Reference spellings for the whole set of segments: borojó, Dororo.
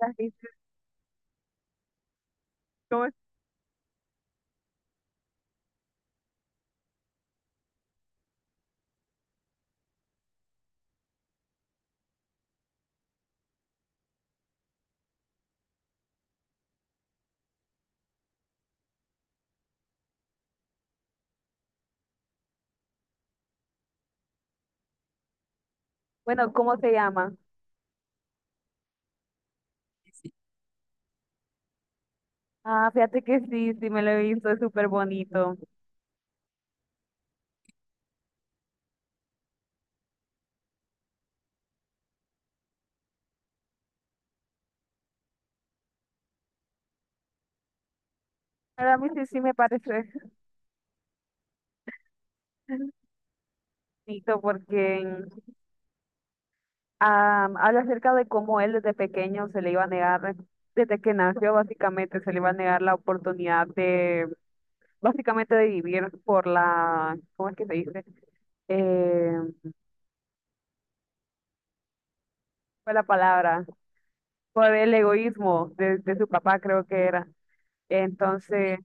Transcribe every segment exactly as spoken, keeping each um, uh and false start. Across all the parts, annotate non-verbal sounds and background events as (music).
¿Las viste? ¿Cómo es? Bueno, ¿cómo se llama? Sí. Ah, fíjate que sí, sí me lo he visto, es súper bonito. Para mí sí, sí me parece (laughs) bonito porque ah, habla acerca de cómo él desde pequeño se le iba a negar, desde que nació básicamente se le iba a negar la oportunidad de, básicamente de vivir por la, ¿cómo es que se dice? eh, fue la palabra, por el egoísmo de, de su papá, creo que era. Entonces,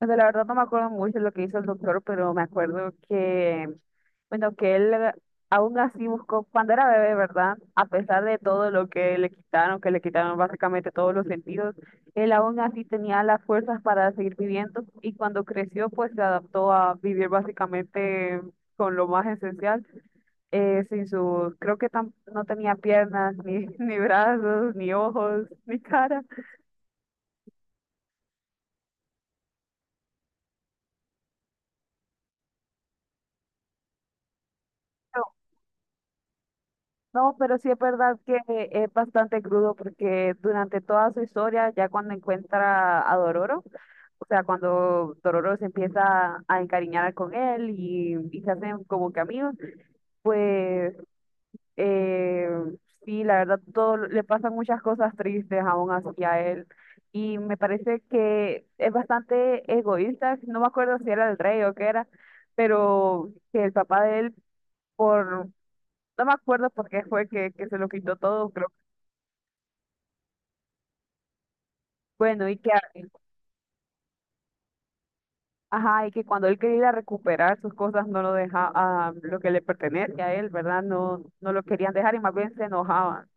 o sea, la verdad no me acuerdo mucho lo que hizo el doctor, pero me acuerdo que, bueno, que él aún así buscó, cuando era bebé, ¿verdad? A pesar de todo lo que le quitaron, que le quitaron básicamente todos los sentidos, él aún así tenía las fuerzas para seguir viviendo y cuando creció, pues se adaptó a vivir básicamente con lo más esencial, eh, sin sus, creo que tam- no tenía piernas, ni, (laughs) ni brazos, ni ojos, ni cara. No, pero sí es verdad que es bastante crudo porque durante toda su historia, ya cuando encuentra a Dororo, o sea, cuando Dororo se empieza a encariñar con él y, y se hacen como que amigos, eh, sí, la verdad, todo le pasan muchas cosas tristes aún así a él. Y me parece que es bastante egoísta, no me acuerdo si era el rey o qué era, pero que el papá de él, por, no me acuerdo por qué fue que, que se lo quitó todo, creo. Bueno, y que ajá, y que cuando él quería ir a recuperar sus cosas no lo dejaba, ah, lo que le pertenece a él, ¿verdad? No, no lo querían dejar y más bien se enojaban. O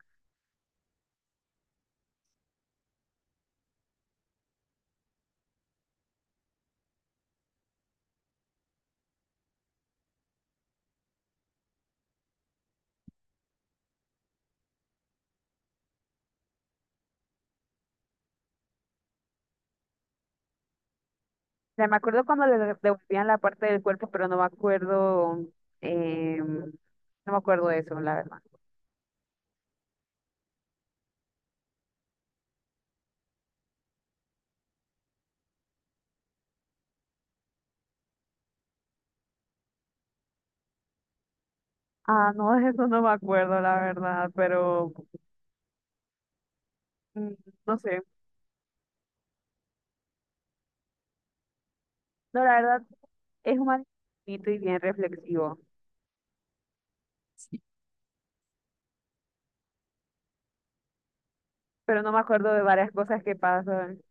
sea, me acuerdo cuando le de- devolvían la parte del cuerpo, pero no me acuerdo, eh, no me acuerdo de eso, la verdad. Ah, no, de eso no me acuerdo, la verdad, pero mm, no sé. No, la verdad, es un anime bonito y bien reflexivo, pero no me acuerdo de varias cosas que pasan.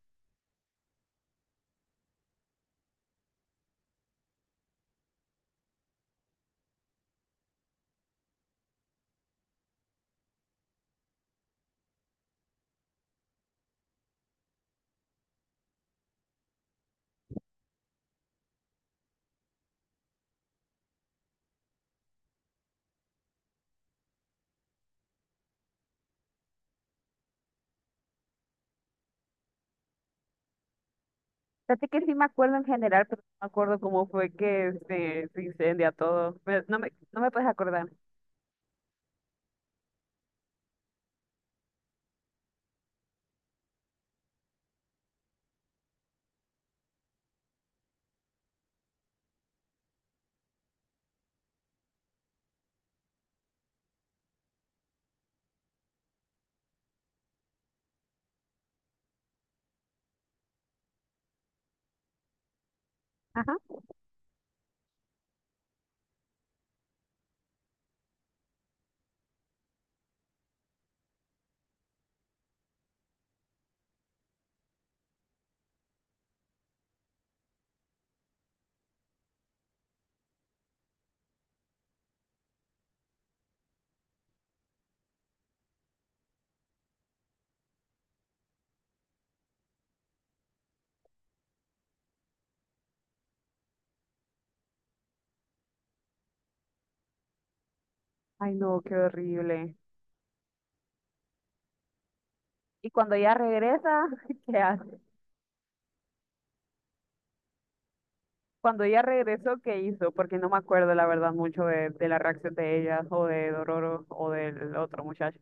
Fíjate que sí me acuerdo en general, pero no me acuerdo cómo fue que se, se incendia todo. Me- no me, no me puedes acordar. Ajá. Ay, no, qué horrible. Y cuando ella regresa, (laughs) ¿qué hace? Cuando ella regresó, ¿qué hizo? Porque no me acuerdo, la verdad, mucho de, de la reacción de ella o de Dororo o del otro muchacho.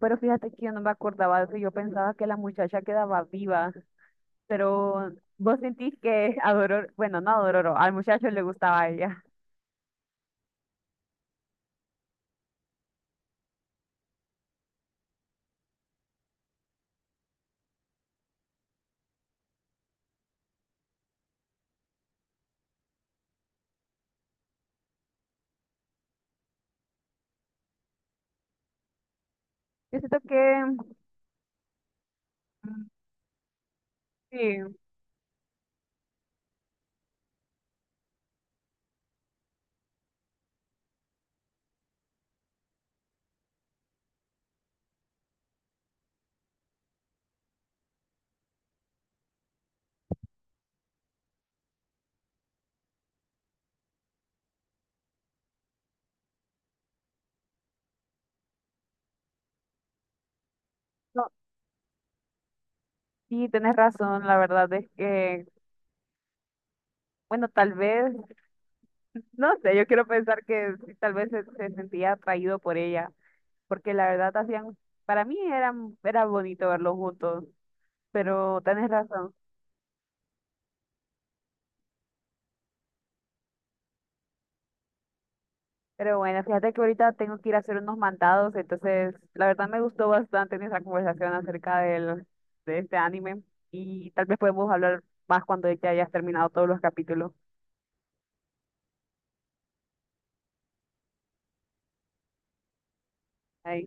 Pero fíjate que yo no me acordaba de eso. Yo pensaba que la muchacha quedaba viva, pero vos sentís que a Dororo, bueno, no a Dororo, al muchacho le gustaba a ella. Yo siento que, mm, sí. No, sí, tenés razón, la verdad es que, bueno, tal vez, no sé, yo quiero pensar que sí, tal vez se, se sentía atraído por ella, porque la verdad hacían, para mí eran, era bonito verlos juntos, pero tenés razón. Pero bueno, fíjate que ahorita tengo que ir a hacer unos mandados, entonces la verdad me gustó bastante nuestra conversación acerca del, de este anime y tal vez podemos hablar más cuando ya hayas terminado todos los capítulos. Ahí.